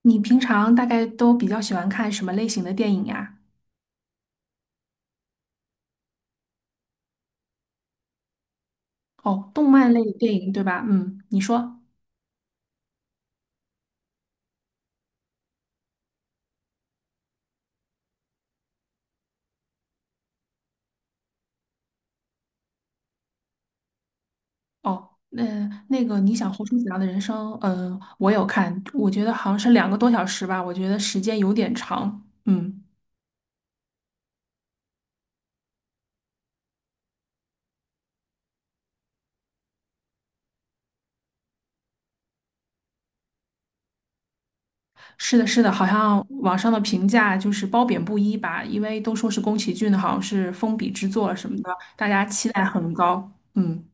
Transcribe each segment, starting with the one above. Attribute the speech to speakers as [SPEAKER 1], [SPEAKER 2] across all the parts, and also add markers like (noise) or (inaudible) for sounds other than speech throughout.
[SPEAKER 1] 你平常大概都比较喜欢看什么类型的电影呀？哦，动漫类的电影，对吧？嗯，你说。哦，那个你想活出怎样的人生？嗯、我有看，我觉得好像是两个多小时吧，我觉得时间有点长。嗯，是的，是的，好像网上的评价就是褒贬不一吧，因为都说是宫崎骏的，好像是封笔之作什么的，大家期待很高。嗯。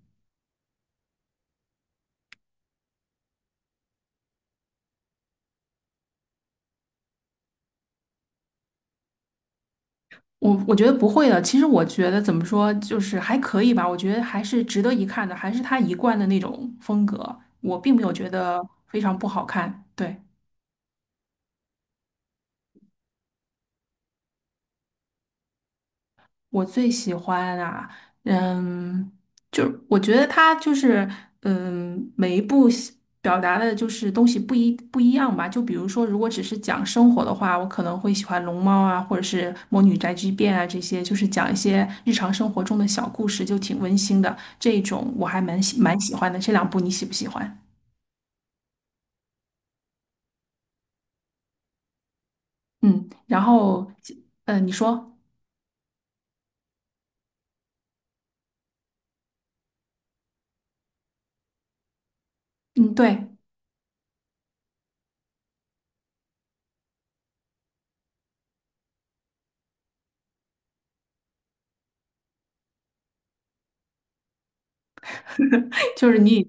[SPEAKER 1] 我觉得不会的。其实我觉得怎么说，就是还可以吧。我觉得还是值得一看的，还是他一贯的那种风格。我并没有觉得非常不好看。对。我最喜欢啊，嗯，就是我觉得他就是，每一部戏表达的就是东西不一样吧。就比如说，如果只是讲生活的话，我可能会喜欢《龙猫》啊，或者是《魔女宅急便》啊，这些就是讲一些日常生活中的小故事，就挺温馨的。这一种我还蛮喜欢的。这两部你喜不喜欢？嗯，然后，嗯，你说，嗯，对，(laughs) 就是你。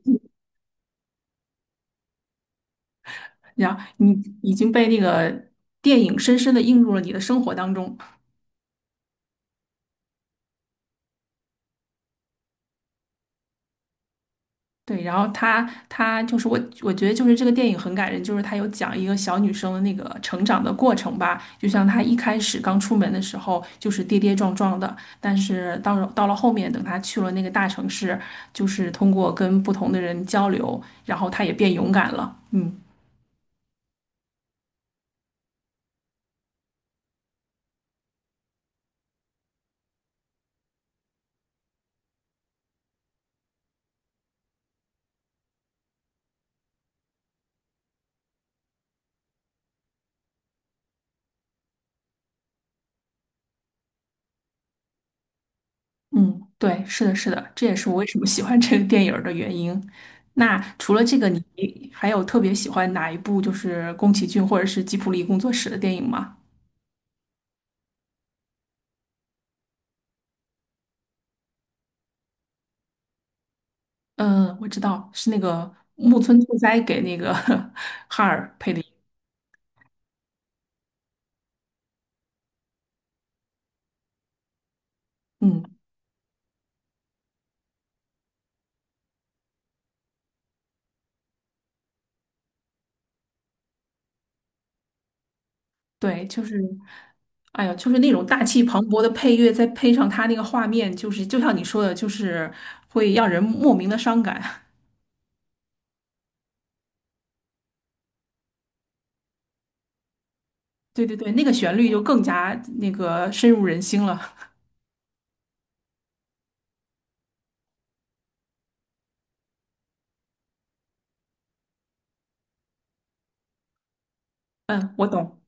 [SPEAKER 1] 然后你已经被那个电影深深的映入了你的生活当中。对，然后他就是我觉得就是这个电影很感人，就是他有讲一个小女生的那个成长的过程吧，就像她一开始刚出门的时候就是跌跌撞撞的，但是到了后面，等她去了那个大城市，就是通过跟不同的人交流，然后她也变勇敢了。嗯。嗯，对，是的，是的，这也是我为什么喜欢这个电影儿的原因。那除了这个，你还有特别喜欢哪一部就是宫崎骏或者是吉卜力工作室的电影吗？嗯，我知道是那个木村拓哉给那个 (laughs) 哈尔配的音。嗯，对，就是，哎呀，就是那种大气磅礴的配乐，再配上他那个画面，就是就像你说的，就是会让人莫名的伤感。(laughs) 对对对，那个旋律就更加深入人心了。嗯，我懂。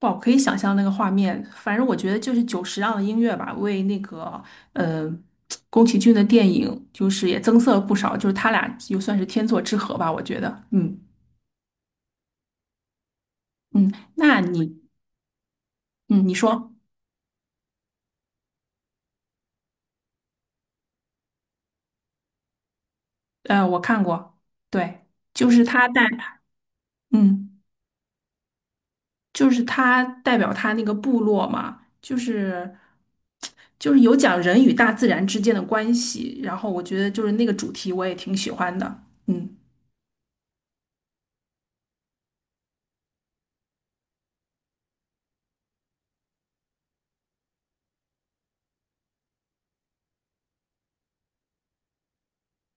[SPEAKER 1] 哇，可以想象那个画面。反正我觉得就是久石让的音乐吧，为那个嗯，宫崎骏的电影就是也增色了不少，就是他俩就算是天作之合吧，我觉得。嗯嗯，那你说，呃，我看过，对，就是嗯他代表他那个部落嘛，就是就是有讲人与大自然之间的关系，然后我觉得就是那个主题我也挺喜欢的。嗯。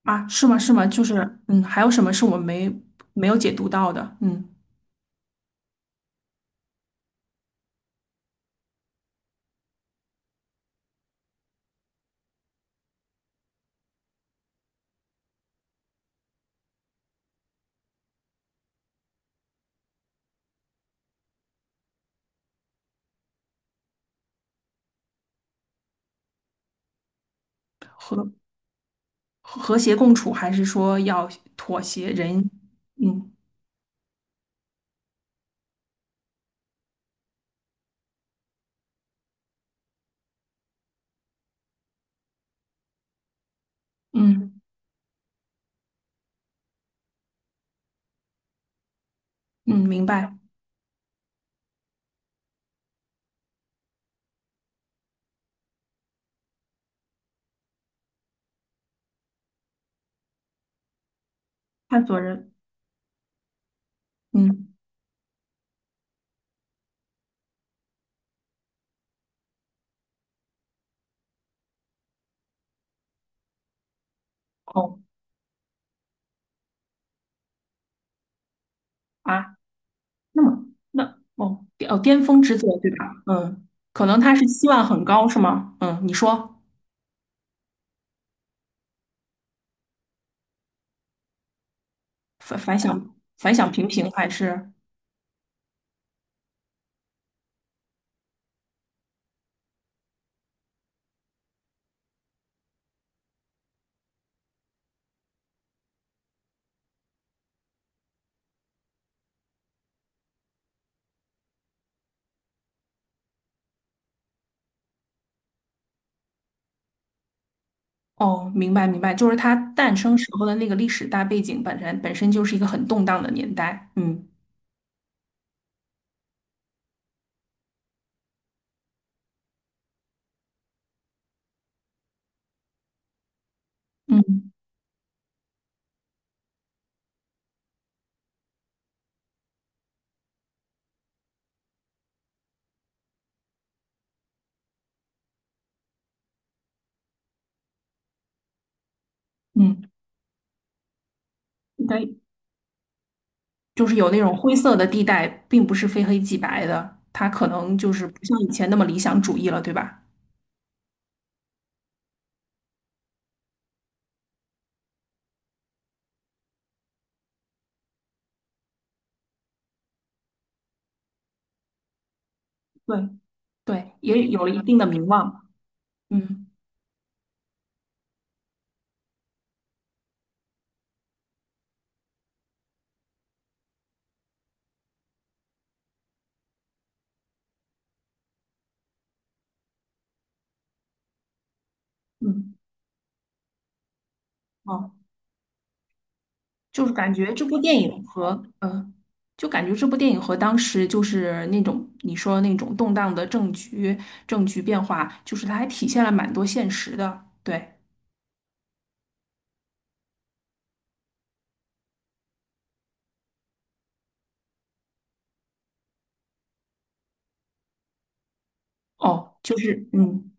[SPEAKER 1] 啊，是吗？是吗？就是，还有什么是我们没有解读到的？嗯，和和谐共处，还是说要妥协人？嗯嗯嗯，明白。探索人，嗯哦啊，那么那哦哦，巅峰之作对吧？嗯，可能他是期望很高是吗？嗯，你说反响平平还是？哦，明白明白，就是它诞生时候的那个历史大背景本身就是一个很动荡的年代。嗯嗯嗯。应该就是有那种灰色的地带，并不是非黑即白的，它可能就是不像以前那么理想主义了，对吧？对对，也有了一定的名望。嗯嗯，哦，就是感觉这部电影和呃，就感觉这部电影和当时就是那种你说那种动荡的政局变化，就是它还体现了蛮多现实的。对，哦，就是嗯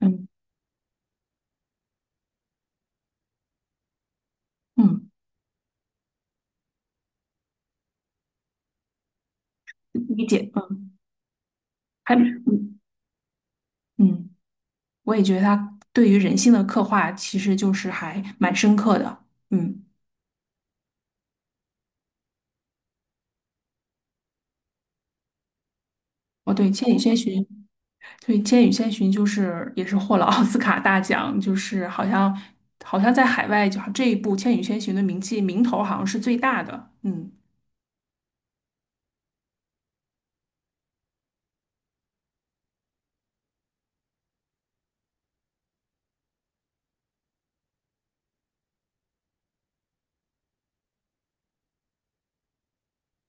[SPEAKER 1] 嗯嗯，理解，嗯，还嗯嗯。我也觉得他对于人性的刻画其实就是还蛮深刻的。嗯，哦对，《千与千寻》。对，《千与千寻》就是也是获了 (laughs) 奥斯卡大奖，就是好像好像在海外就这一部《千与千寻》的名头好像是最大的。嗯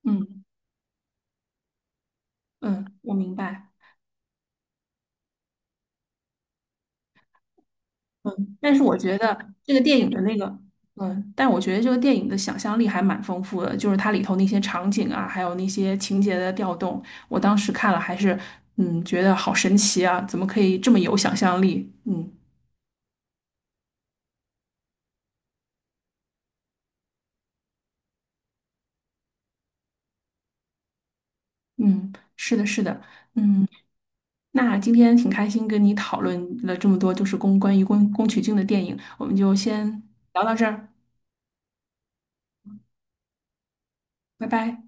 [SPEAKER 1] 嗯嗯，我明白。嗯，但是我觉得这个电影的那个，嗯，但我觉得这个电影的想象力还蛮丰富的，就是它里头那些场景啊，还有那些情节的调动，我当时看了还是，嗯，觉得好神奇啊，怎么可以这么有想象力？嗯嗯，是的，是的。那今天挺开心跟你讨论了这么多，就是关于宫崎骏的电影，我们就先聊到这儿，拜拜。